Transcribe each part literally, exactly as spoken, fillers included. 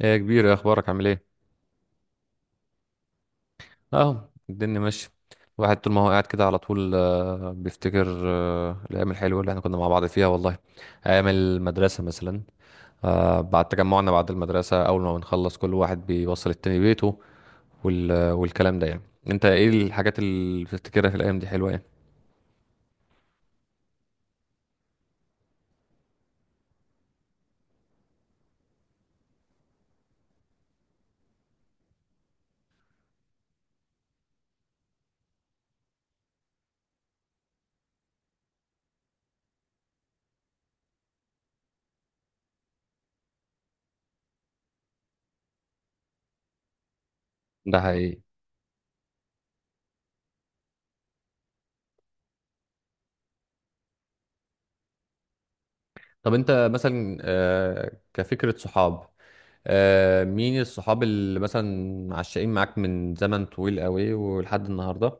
ايه يا كبير يا اخبارك عامل ايه؟ اهو الدنيا ماشيه. الواحد طول ما هو قاعد كده على طول آه، بيفتكر آه، الايام الحلوه اللي احنا كنا مع بعض فيها والله، ايام المدرسه مثلا. آه، بعد تجمعنا بعد المدرسه اول ما بنخلص كل واحد بيوصل التاني بيته وال- والكلام ده يعني. انت ايه الحاجات اللي بتفتكرها في الايام دي حلوه يعني؟ ده حقيقي. طب انت مثلا، آه، كفكره صحاب، آه، مين الصحاب اللي مثلا عشقين معاك من زمن طويل قوي ولحد النهارده؟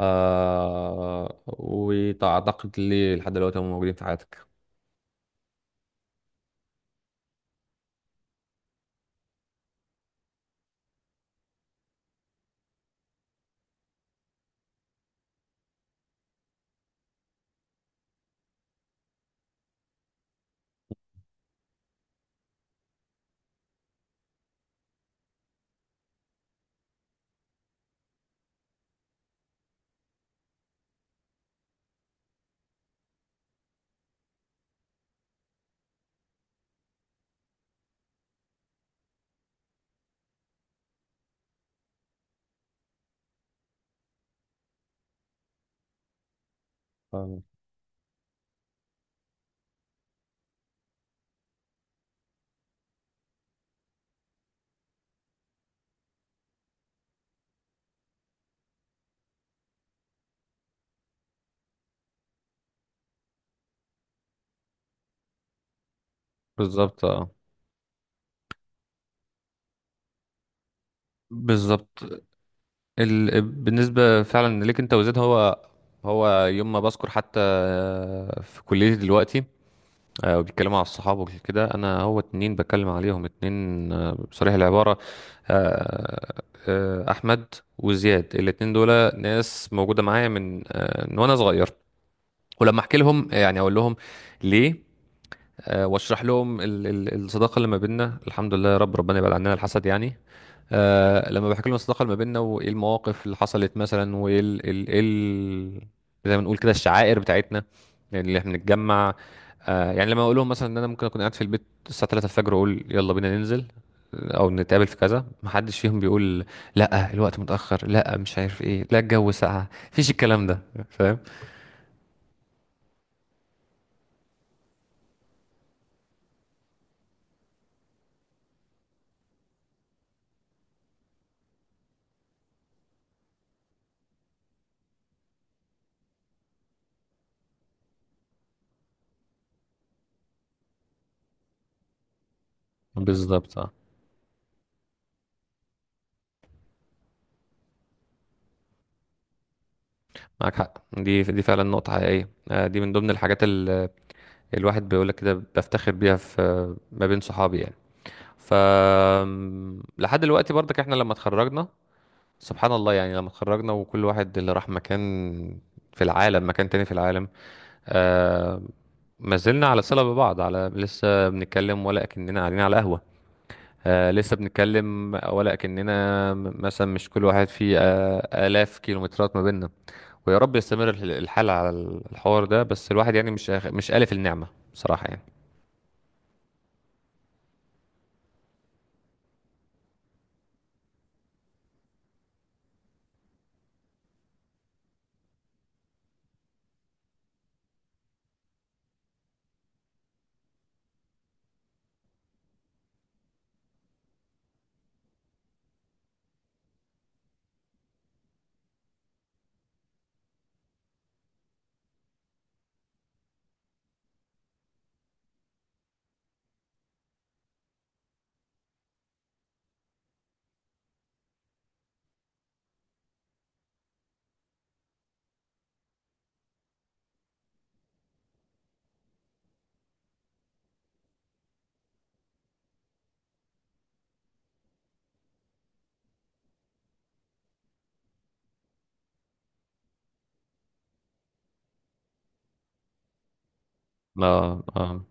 آه وأعتقد لي لحد دلوقتي هم موجودين في حياتك. فاهم. بالظبط، اه. بالظبط. ال... بالنسبة فعلا ليك انت وزيد، هو هو يوم ما بذكر حتى آه، في كليتي دلوقتي، آه، وبيتكلموا على الصحاب وكده، انا هو اتنين بتكلم عليهم اتنين، آه، بصريح العبارة، آه، آه، احمد وزياد الاتنين دول ناس موجودة معايا من، آه، من وانا صغير. ولما احكي لهم يعني اقول لهم ليه، آه، واشرح لهم ال- ال- الصداقه اللي ما بيننا الحمد لله، يا رب ربنا يبعد عننا الحسد يعني. آه، لما بحكي لهم الصداقه اللي ما بيننا وايه المواقف اللي حصلت مثلا، وايه ال ال إيه ال، زي ما نقول كده الشعائر بتاعتنا، يعني اللي احنا بنتجمع. آه، يعني لما اقول لهم مثلا ان انا ممكن اكون قاعد في البيت الساعه الثالثة الفجر، واقول يلا بينا ننزل او نتقابل في كذا، محدش فيهم بيقول لا الوقت متاخر، لا مش عارف ايه، لا الجو ساقع. مفيش الكلام ده. فاهم. بالظبط، اه. معاك حق، دي دي فعلا نقطة حقيقية. آه، دي من ضمن الحاجات اللي الواحد بيقول لك كده بفتخر بيها في ما بين صحابي يعني. ف آم، لحد دلوقتي برضك احنا لما اتخرجنا، سبحان الله يعني لما اتخرجنا وكل واحد اللي راح مكان في العالم، مكان تاني في العالم، آه، ما زلنا على صلة ببعض، على لسه بنتكلم ولا كأننا قاعدين على قهوة. آه، لسه بنتكلم ولا كأننا م- مثلا مش كل واحد فيه آه، آلاف كيلومترات ما بيننا. ويا رب يستمر الح- الحال على الحوار ده، بس الواحد يعني مش آخ- مش آلف النعمة بصراحة يعني. اه اه.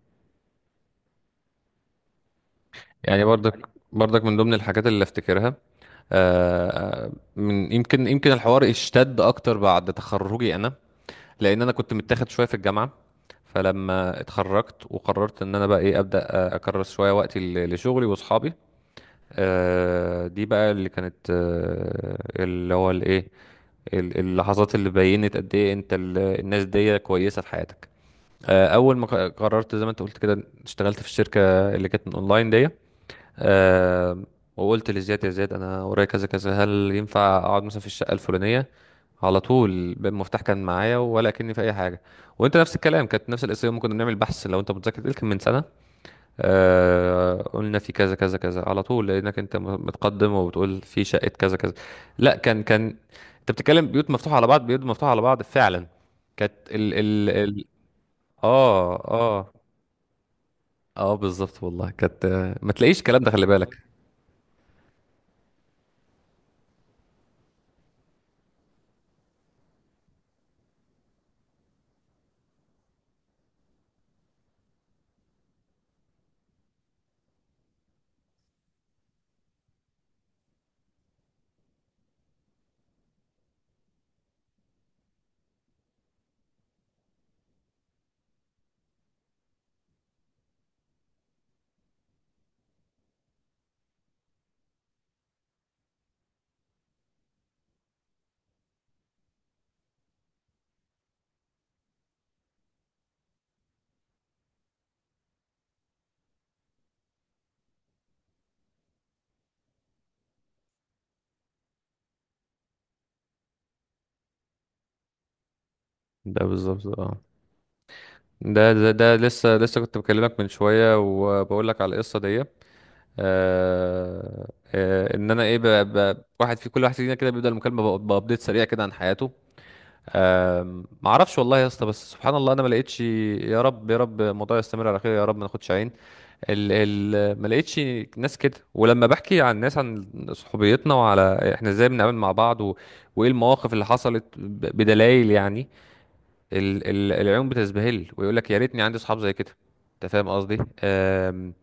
يعني برضك برضك من ضمن الحاجات اللي افتكرها. آه، آه، من يمكن يمكن الحوار اشتد اكتر بعد تخرجي انا، لان انا كنت متاخد شويه في الجامعه. فلما اتخرجت وقررت ان انا بقى ايه، ابدا اكرس شويه وقتي ل- لشغلي واصحابي. آه، دي بقى اللي كانت، آه، اللي هو الايه، ال- اللحظات اللي بينت قد ايه انت ال- الناس دي كويسه في حياتك. آه، اول ما ق- قررت زي ما انت قلت كده، اشتغلت في الشركه اللي كانت من اونلاين دي، آه، وقلت لزياد يا زياد انا ورايا كذا كذا، هل ينفع اقعد مثلا في الشقه الفلانيه؟ على طول المفتاح كان معايا ولا كأني في اي حاجه. وانت نفس الكلام، كانت نفس القصه يوم ما كنا بنعمل بحث لو انت متذكر يمكن من سنه. آه قلنا في كذا كذا كذا على طول، لانك انت م- متقدم وبتقول في شقه كذا كذا. لا، كان كان انت بتتكلم، بيوت مفتوحه على بعض، بيوت مفتوحه على بعض فعلا. كانت ال ال ال اه اه. اه بالظبط والله كانت. آه، ما تلاقيش الكلام ده، خلي بالك. ده بالظبط، اه. ده ده ده لسه لسه كنت بكلمك من شويه، وبقول لك على القصه دي. آه آه. ان انا ايه، ب- ب- واحد في كل واحد فينا كده بيبدا المكالمه بأ- بابديت سريع كده عن حياته. أم، ما اعرفش والله يا اسطى، بس سبحان الله انا ما لقيتش، يا رب يا رب الموضوع يستمر على خير، يا رب ما ناخدش عين. ال ال ما لقيتش ناس كده. ولما بحكي عن الناس، عن صحوبيتنا، وعلى احنا ازاي بنتعامل مع بعض و... وايه المواقف اللي حصلت ب- بدلائل يعني، ال ال العيون بتزبهل ويقول لك يا ريتني عندي اصحاب زي كده. انت فاهم قصدي. أم،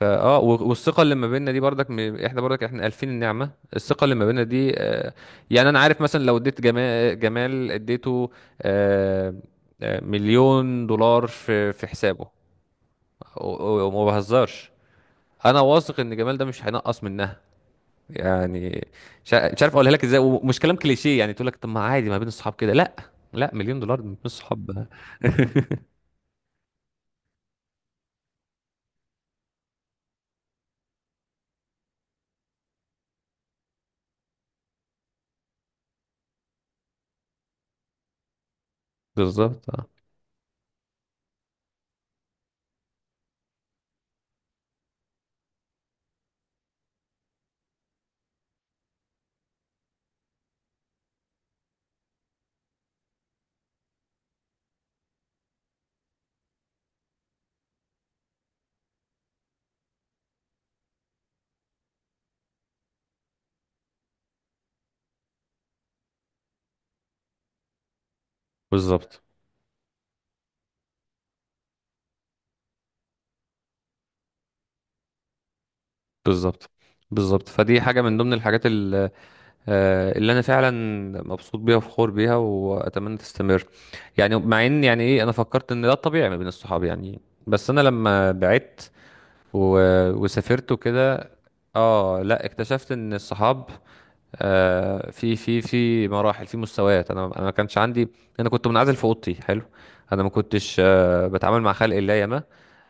فاه. و- والثقه اللي ما بيننا دي برضك، م- احنا برضك احنا الفين النعمه. الثقه اللي ما بيننا دي، آه، يعني انا عارف مثلا لو اديت جمال، جمال اديته آه، آه، مليون دولار في في حسابه و- و- وما بهزرش، انا واثق ان جمال ده مش هينقص منها يعني. مش ع- مش عارف اقولها لك ازاي، ومش كلام كليشيه يعني تقول لك طب ما عادي ما بين الصحاب كده. لا، لا، مليون دولار مش صحاب. بالظبط، اه. بالظبط بالظبط بالظبط. فدي حاجه من ضمن الحاجات ال- آه، اللي انا فعلا مبسوط بيها وفخور بيها واتمنى تستمر. يعني مع ان يعني ايه، انا فكرت ان ده الطبيعي ما بين الصحاب يعني. بس انا لما بعدت و... وسافرت وكده، اه لا اكتشفت ان الصحاب آه في في في مراحل، في مستويات. انا انا ما كانش عندي، انا كنت منعزل في اوضتي حلو. انا ما كنتش آه بتعامل مع خلق الله ياما.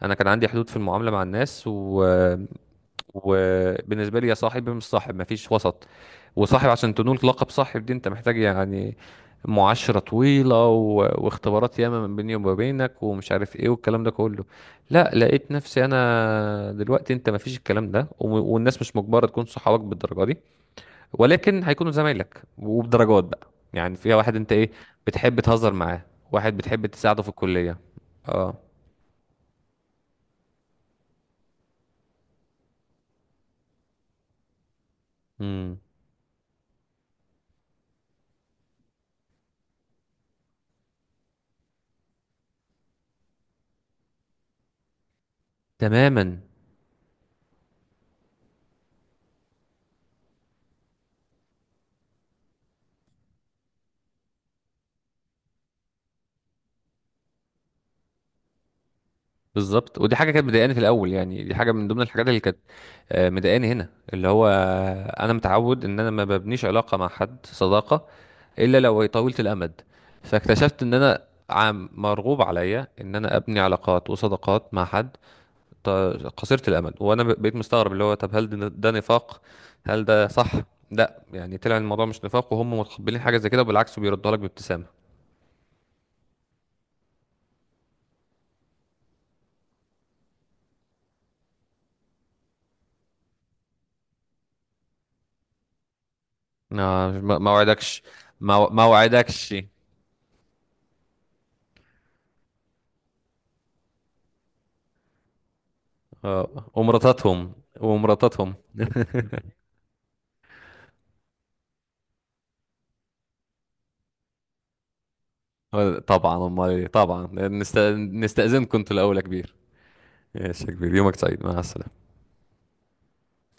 انا كان عندي حدود في المعامله مع الناس، و وبالنسبه لي يا صاحب يا مش صاحب، مفيش وسط. وصاحب عشان تنول لقب صاحب دي، انت محتاج يعني معاشرة طويلة و... واختبارات ياما من بيني وما بينك ومش عارف ايه والكلام ده كله. لا لقيت نفسي انا دلوقتي، انت مفيش الكلام ده و... والناس مش مجبرة تكون صحابك بالدرجة دي، ولكن هيكونوا زمايلك وبدرجات بقى يعني، فيها واحد انت ايه بتحب تهزر معاه، واحد بتحب تساعده في الكلية. اه. امم. تماما. بالظبط. ودي حاجه كانت مضايقاني في الاول يعني، دي حاجه من ضمن الحاجات اللي كانت آه، مضايقاني هنا، اللي هو آه، انا متعود ان انا ما ببنيش علاقه مع حد صداقه الا لو هي طويله الامد. فاكتشفت ان انا عم مرغوب عليا ان انا ابني علاقات وصداقات مع حد ط- قصيره الامد. وانا ب- بقيت مستغرب، اللي هو طب هل ده، ده نفاق؟ هل ده صح؟ لا يعني طلع الموضوع مش نفاق، وهم متقبلين حاجه زي كده وبالعكس بيردها لك بابتسامه. ما ما ما وعدكش. ما ما وعدكش. آه، ومراتاتهم. ومراتاتهم. آه، طبعا، امال إيه؟ طبعا نست... نستأذنكم انتوا الاول يا كبير. ماشي يا كبير، يومك سعيد، مع السلامه.